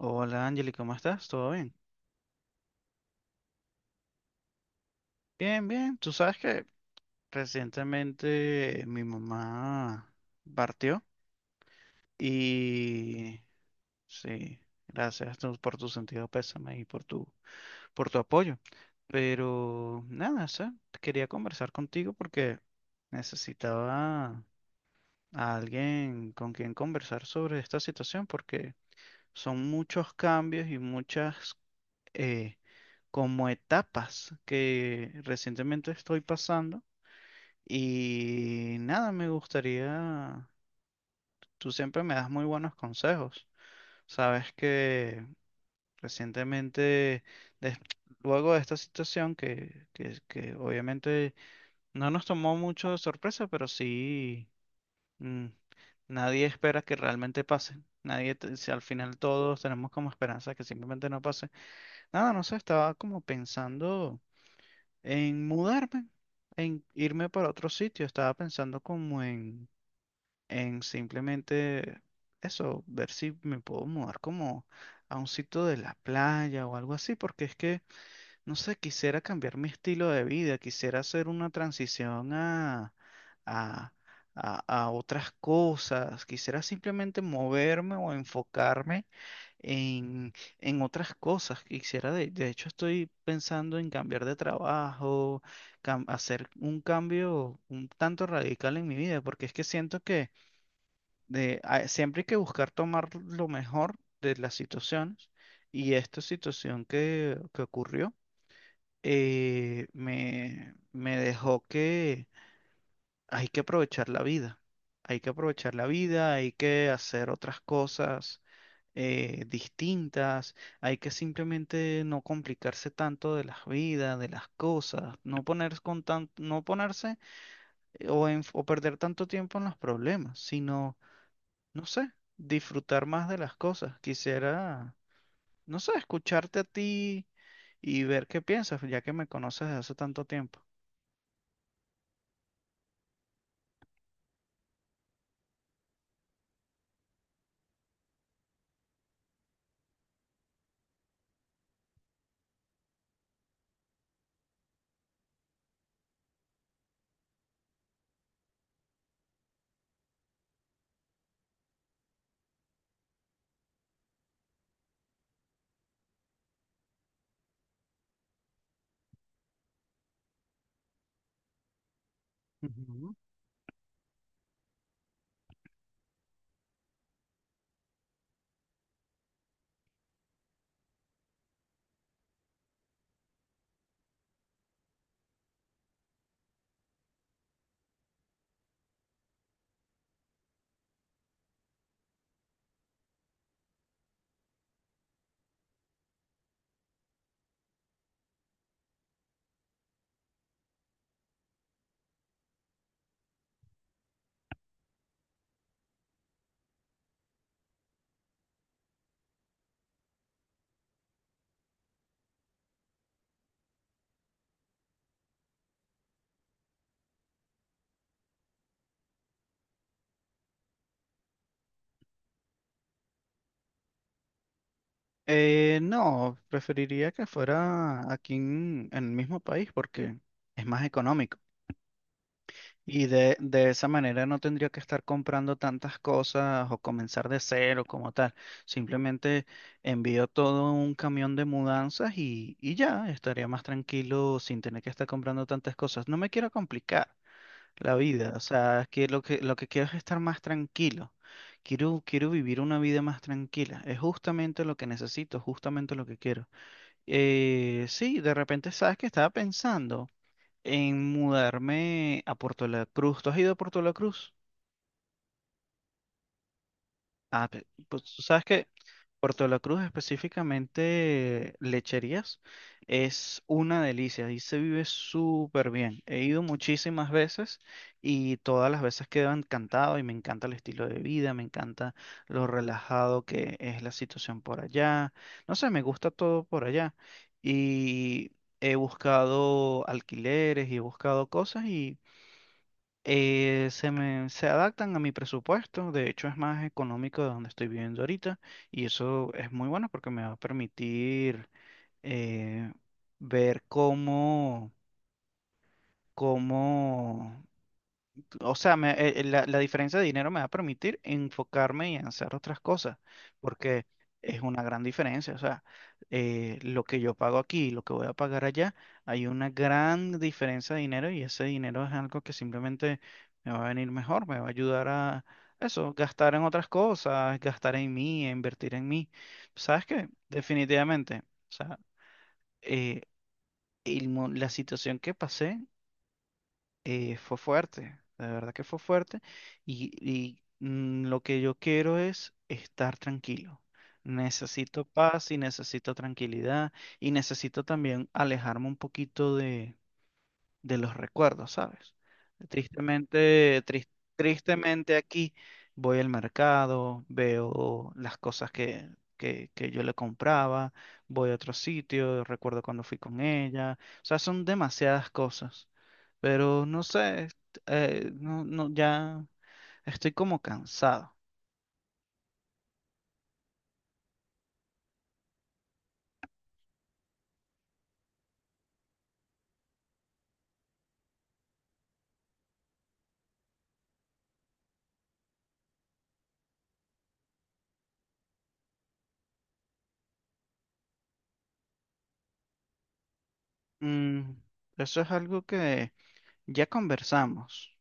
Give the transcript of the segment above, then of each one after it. Hola Angeli, ¿cómo estás? ¿Todo bien? Bien, bien. Tú sabes que recientemente mi mamá partió y sí, gracias tú por tu sentido pésame y por por tu apoyo. Pero nada, o quería conversar contigo porque necesitaba a alguien con quien conversar sobre esta situación porque son muchos cambios y muchas eh, como etapas que recientemente estoy pasando. Y nada, me gustaría, tú siempre me das muy buenos consejos. Sabes que recientemente, des- luego de esta situación que obviamente no nos tomó mucho de sorpresa, pero sí, mm, nadie espera que realmente pase. Nadie, si al final todos tenemos como esperanza que simplemente no pase. Nada, no sé, estaba como pensando en mudarme, en irme para otro sitio, estaba pensando como en simplemente eso, ver si me puedo mudar como a un sitio de la playa o algo así, porque es que, no sé, quisiera cambiar mi estilo de vida, quisiera hacer una transición a, a otras cosas, quisiera simplemente moverme o enfocarme en, en otras cosas que quisiera. De hecho, estoy pensando en cambiar de trabajo, hacer un cambio un tanto radical en mi vida, porque es que siento que siempre hay que buscar tomar lo mejor de las situaciones y esta situación que ocurrió, me dejó que hay que aprovechar la vida, hay que aprovechar la vida, hay que hacer otras cosas distintas, hay que simplemente no complicarse tanto de las vidas, de las cosas, no ponerse o perder tanto tiempo en los problemas, sino, no sé, disfrutar más de las cosas. Quisiera, no sé, escucharte a ti y ver qué piensas, ya que me conoces desde hace tanto tiempo. Ujú. No, preferiría que fuera aquí en el mismo país porque es más económico. Y de esa manera no tendría que estar comprando tantas cosas o comenzar de cero como tal. Simplemente envío todo un camión de mudanzas y ya estaría más tranquilo sin tener que estar comprando tantas cosas. No me quiero complicar la vida, o sea, es que lo que quiero es estar más tranquilo. Quiero vivir una vida más tranquila. Es justamente lo que necesito, justamente lo que quiero. Sí, de repente sabes que estaba pensando en mudarme a Puerto La Cruz. ¿Tú has ido a Puerto La Cruz? Ah, pues tú sabes que Puerto la Cruz, específicamente Lecherías, es una delicia. Ahí se vive súper bien. He ido muchísimas veces y todas las veces quedo encantado y me encanta el estilo de vida, me encanta lo relajado que es la situación por allá. No sé, me gusta todo por allá. Y he buscado alquileres y he buscado cosas y se adaptan a mi presupuesto, de hecho es más económico de donde estoy viviendo ahorita y eso es muy bueno porque me va a permitir eh, ver cómo, cómo o sea, la diferencia de dinero me va a permitir enfocarme y en hacer otras cosas, porque es una gran diferencia. O sea, lo que yo pago aquí y lo que voy a pagar allá, hay una gran diferencia de dinero y ese dinero es algo que simplemente me va a venir mejor, me va a ayudar a eso, gastar en otras cosas, gastar en mí, invertir en mí. ¿Sabes qué? Definitivamente, o sea, eh, la situación que pasé fue fuerte, la verdad que fue fuerte lo que yo quiero es estar tranquilo. Necesito paz y necesito tranquilidad y necesito también alejarme un poquito de los recuerdos, ¿sabes? Tristemente, tristemente aquí voy al mercado, veo las cosas que yo le compraba, voy a otro sitio, recuerdo cuando fui con ella, o sea, son demasiadas cosas. Pero no sé, no, no, ya estoy como cansado. Mm, eso es algo que ya conversamos.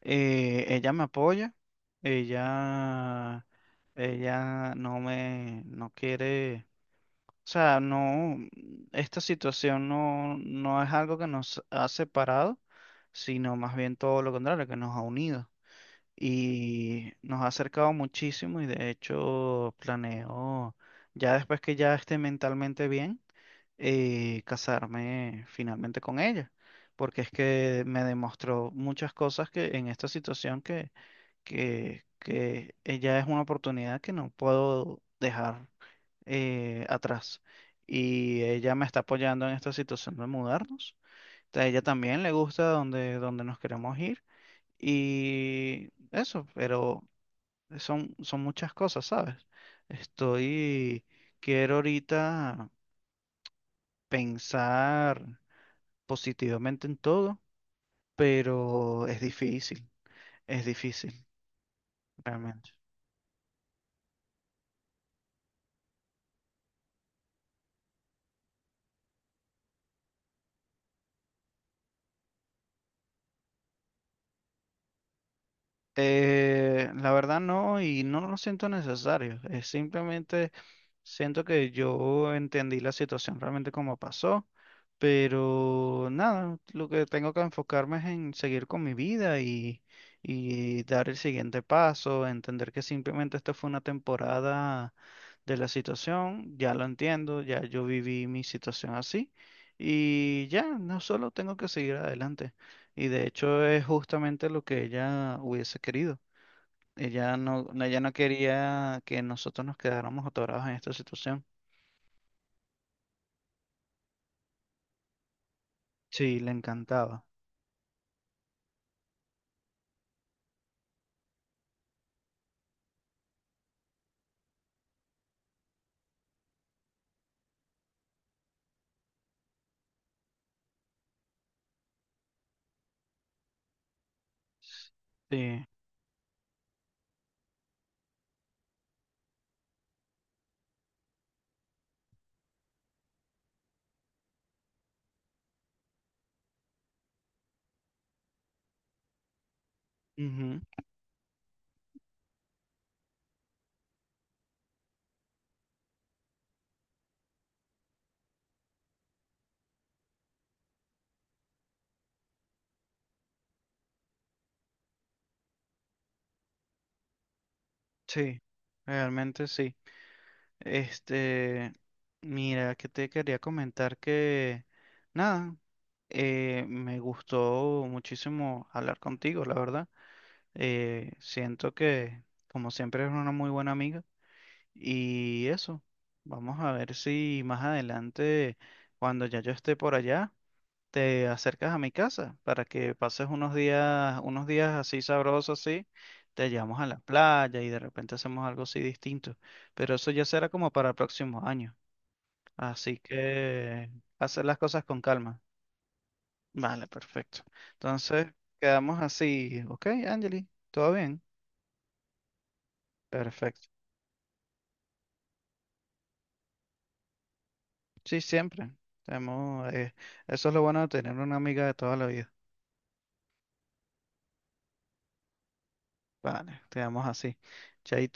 Ella me apoya, ella, ella no me, no quiere, o sea, no, esta situación no, no es algo que nos ha separado, sino más bien todo lo contrario, que nos ha unido, y nos ha acercado muchísimo y de hecho planeo, ya después que ya esté mentalmente bien, casarme finalmente con ella, porque es que me demostró muchas cosas que en esta situación que ella es una oportunidad que no puedo dejar atrás. Y ella me está apoyando en esta situación de mudarnos. A ella también le gusta donde nos queremos ir. Y eso, pero son muchas cosas, ¿sabes? Estoy, quiero ahorita pensar positivamente en todo, pero es difícil, realmente. La verdad no, y no lo siento necesario, es simplemente siento que yo entendí la situación realmente como pasó. Pero nada, lo que tengo que enfocarme es en seguir con mi vida y dar el siguiente paso, entender que simplemente esta fue una temporada de la situación, ya lo entiendo, ya yo viví mi situación así y ya, no solo tengo que seguir adelante. Y de hecho es justamente lo que ella hubiese querido. Ella ella no quería que nosotros nos quedáramos atorados en esta situación. Sí, le encantaba. Sí. Ujú. Sí, realmente sí. Este, mira, que te quería comentar que, nada, me gustó muchísimo hablar contigo, la verdad. Siento que, como siempre, eres una muy buena amiga. Y eso, vamos a ver si más adelante, cuando ya yo esté por allá, te acercas a mi casa para que pases unos días así sabrosos, así. Te llevamos a la playa y de repente hacemos algo así distinto. Pero eso ya será como para el próximo año. Así que hacer las cosas con calma. Vale, perfecto. Entonces, quedamos así. Ok, Angeli, ¿todo bien? Perfecto. Sí, siempre. Tenemos, eso es lo bueno de tener una amiga de toda la vida. Vale, quedamos así. Chaito.